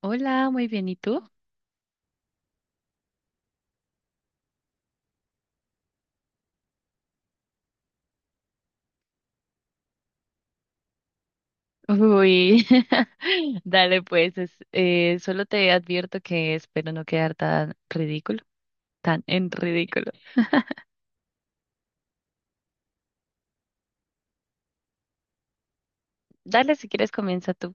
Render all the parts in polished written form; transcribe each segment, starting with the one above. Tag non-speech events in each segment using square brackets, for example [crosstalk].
Hola, muy bien, ¿y tú? Uy, [laughs] dale pues, solo te advierto que espero no quedar tan en ridículo. Dale, si quieres comienza tú.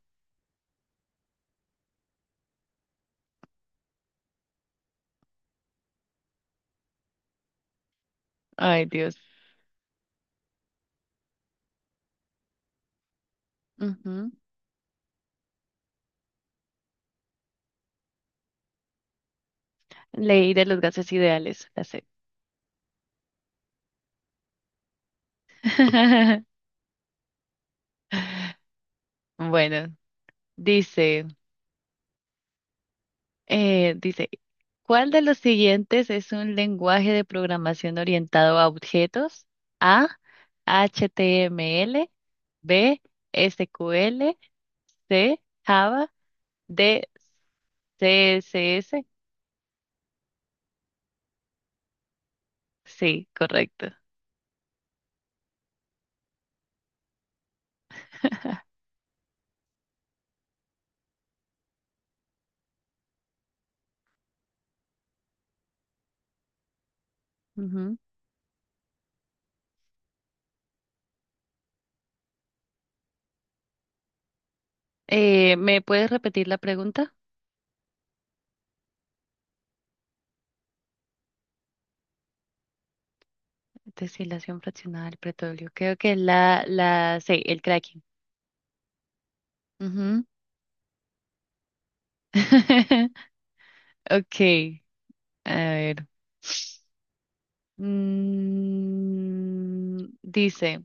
Ay, Dios. Ujú. Leí de los gases ideales, la sé. [laughs] Bueno, dice, dice, ¿cuál de los siguientes es un lenguaje de programación orientado a objetos? A, HTML, B, SQL, C, Java, D, CSS. Sí, correcto. Ujú. ¿Me puedes repetir la pregunta? Deshilación fraccionada del petróleo. Creo que es la C, el cracking. Ujú. [laughs] Ok, a ver. Dice,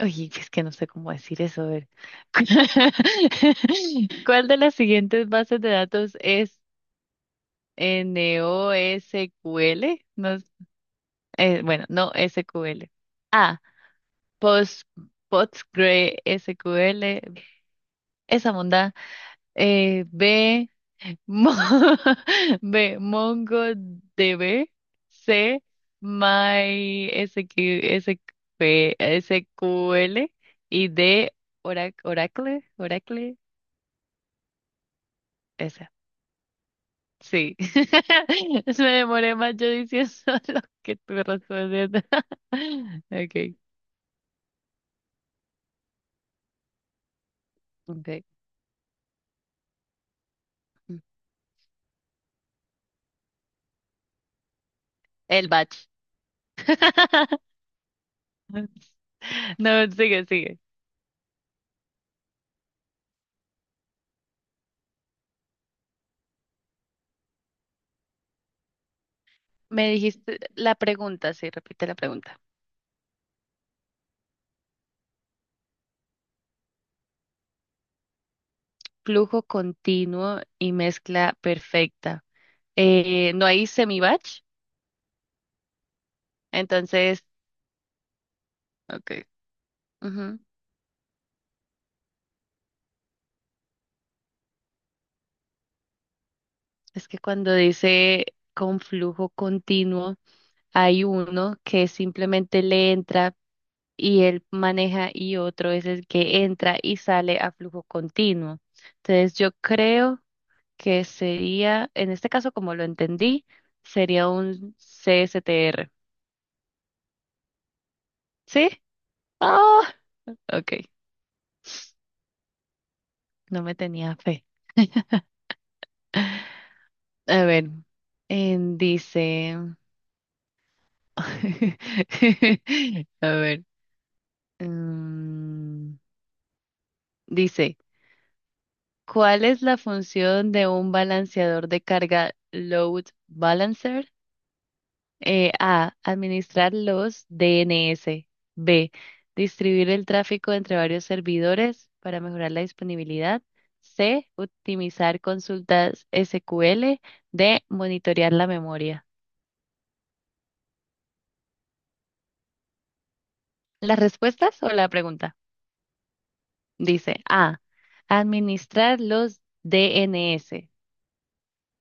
oye, es que no sé cómo decir eso, a ver. [laughs] ¿Cuál de las siguientes bases de datos es NoSQL? No bueno, no SQL. Ah, Post, postgresql esa monda. Eh, B, Mo- [laughs] B, MongoDB. C, MySQL. Y D, Oracle, esa. Sí. [laughs] Me demoré más yo diciendo [laughs] lo que tú respondiendo. [laughs] Ok. Ok. El batch. [laughs] No, sigue. Me dijiste la pregunta, sí, repite la pregunta. Flujo continuo y mezcla perfecta. No hay semi-batch, entonces, ok. Ujú. Es que cuando dice con flujo continuo, hay uno que simplemente le entra y él maneja y otro es el que entra y sale a flujo continuo. Entonces, yo creo que sería, en este caso, como lo entendí, sería un CSTR. ¿Sí? Ah, ok, no me tenía fe. [laughs] A ver, dice, [laughs] a ver, mm, dice, ¿cuál es la función de un balanceador de carga load balancer? A. Administrar los DNS. B. Distribuir el tráfico entre varios servidores para mejorar la disponibilidad. C. Optimizar consultas SQL. D. Monitorear la memoria. ¿Las respuestas o la pregunta? Dice A. Administrar los DNS.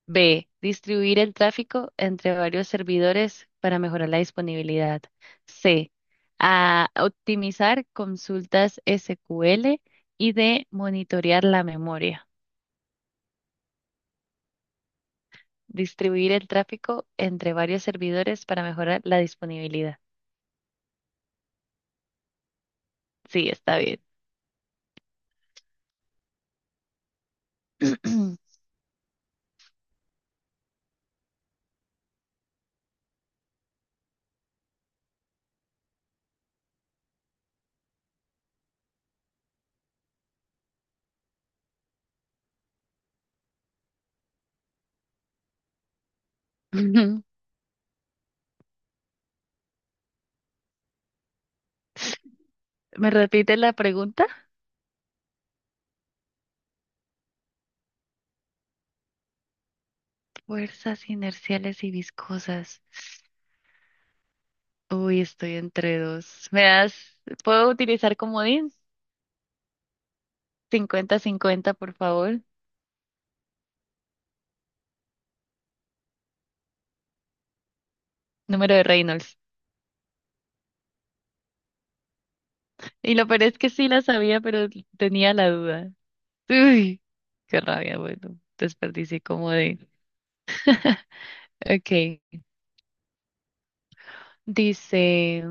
B. Distribuir el tráfico entre varios servidores para mejorar la disponibilidad. C. A optimizar consultas SQL y D. Monitorear la memoria. Distribuir el tráfico entre varios servidores para mejorar la disponibilidad. Sí, está bien. [clears throat] ¿Me repite la pregunta? Fuerzas inerciales y viscosas. Uy, estoy entre dos. ¿Me das? ¿Puedo utilizar comodín? 50-50 por favor. Número de Reynolds. Y lo peor es que sí la sabía, pero tenía la duda. Uy, qué rabia, bueno. Desperdicié como de. Ok. Dice.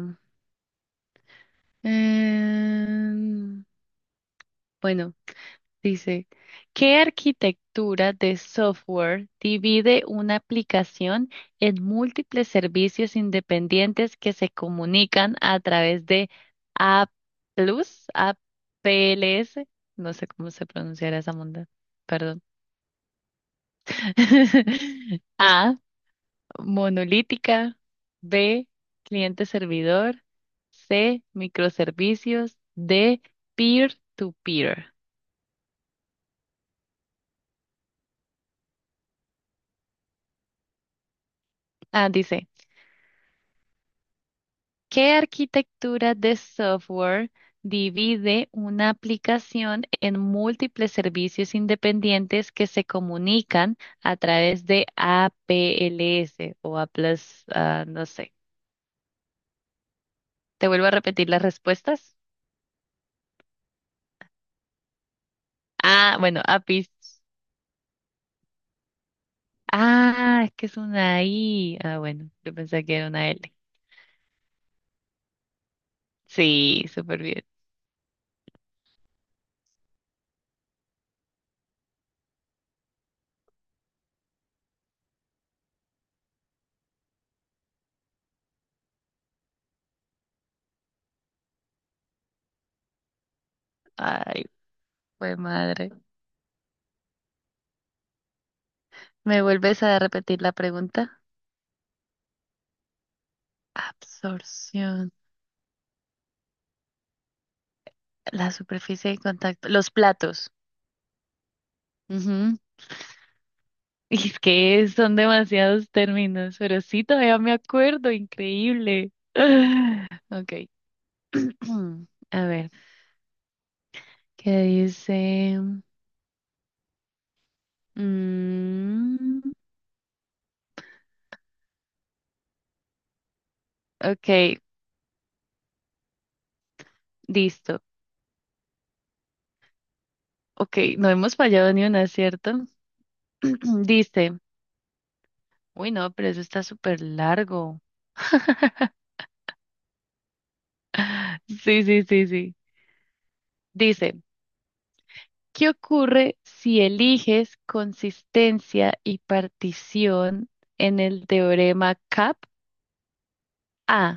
em, bueno. Dice, ¿qué arquitectura de software divide una aplicación en múltiples servicios independientes que se comunican a través de A+, A P L S? No sé cómo se pronunciará esa monda, perdón. [laughs] A, monolítica, B, cliente-servidor, C, microservicios, D, peer-to-peer. Ah, dice. ¿Qué arquitectura de software divide una aplicación en múltiples servicios independientes que se comunican a través de APLS, no sé? ¿Te vuelvo a repetir las respuestas? Ah, bueno, APIs. Ah, es que es una I. Ah, bueno, yo pensé que era una L. Sí, súper bien. Ay, fue madre. ¿Me vuelves a repetir la pregunta? Absorción. La superficie de contacto, los platos. Ujú. Y es que son demasiados términos, pero sí, todavía me acuerdo, increíble. [sighs] Ok. [clears throat] A ver, ¿qué dice? Mm, ok, listo. Ok, no hemos fallado ni una, ¿cierto? [clears throat] Dice, uy, no, pero eso está súper largo. [laughs] Sí, sí, sí, sí. Dice. ¿Qué ocurre si eliges consistencia y partición en el teorema CAP? A.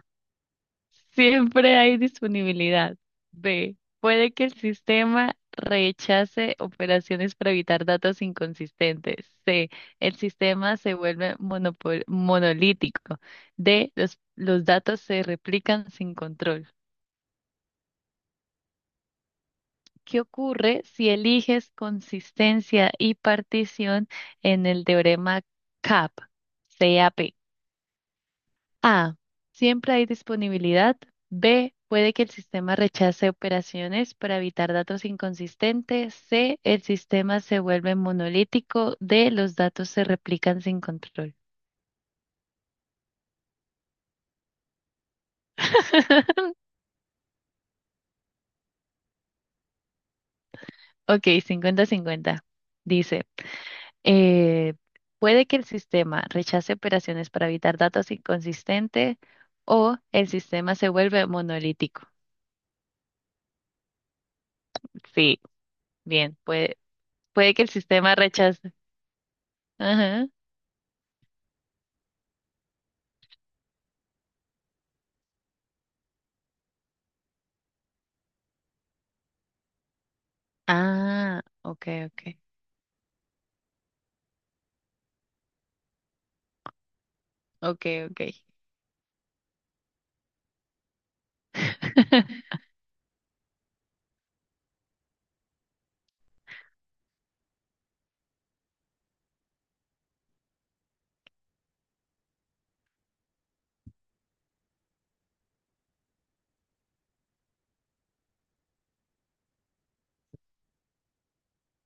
Siempre hay disponibilidad. B. Puede que el sistema rechace operaciones para evitar datos inconsistentes. C. El sistema se vuelve monolítico. D. Los datos se replican sin control. ¿Qué ocurre si eliges consistencia y partición en el teorema CAP? CAP. A. Siempre hay disponibilidad. B. Puede que el sistema rechace operaciones para evitar datos inconsistentes. C. El sistema se vuelve monolítico. D. Los datos se replican sin control. [laughs] Ok, 50-50. Dice. Eh, puede que el sistema rechace operaciones para evitar datos inconsistentes o el sistema se vuelve monolítico. Sí, bien, puede, puede que el sistema rechace. Ajá. Ah, ok, ok. [laughs]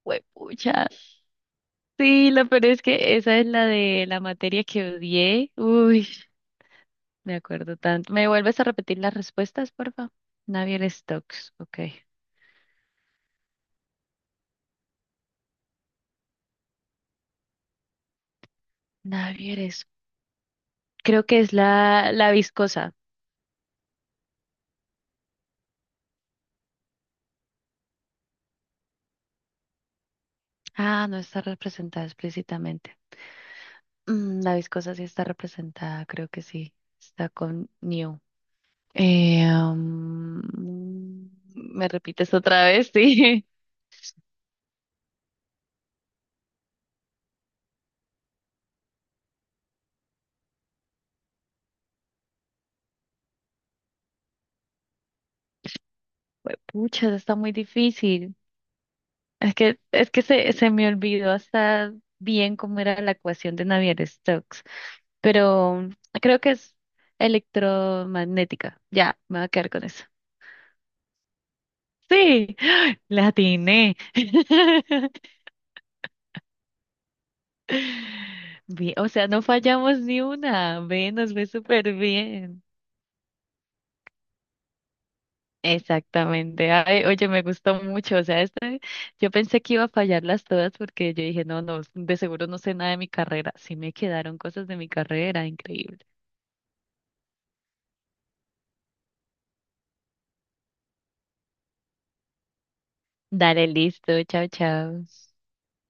Huepucha. Sí, lo peor es que esa es la de la materia que odié. Uy, me acuerdo tanto. ¿Me vuelves a repetir las respuestas, por favor? Navier Stokes, ok. Navier es, creo que es la viscosa. Ah, no está representada explícitamente. Mm, la viscosa sí está representada, creo que sí. Está con New. Eh, ¿Me repites otra vez? [laughs] Sí. Pucha, está muy difícil. Es que, se me olvidó hasta bien cómo era la ecuación de Navier-Stokes, pero creo que es electromagnética. Ya, me voy a quedar con eso. Sí, [gasps] la atiné. [laughs] Bien, o sea, no fallamos ni una. Ve, nos ve súper bien. Exactamente. Ay, oye, me gustó mucho. O sea, este, yo pensé que iba a fallarlas todas porque yo dije, no, no, de seguro no sé nada de mi carrera. Sí me quedaron cosas de mi carrera, increíble. Dale, listo. Chao, chao.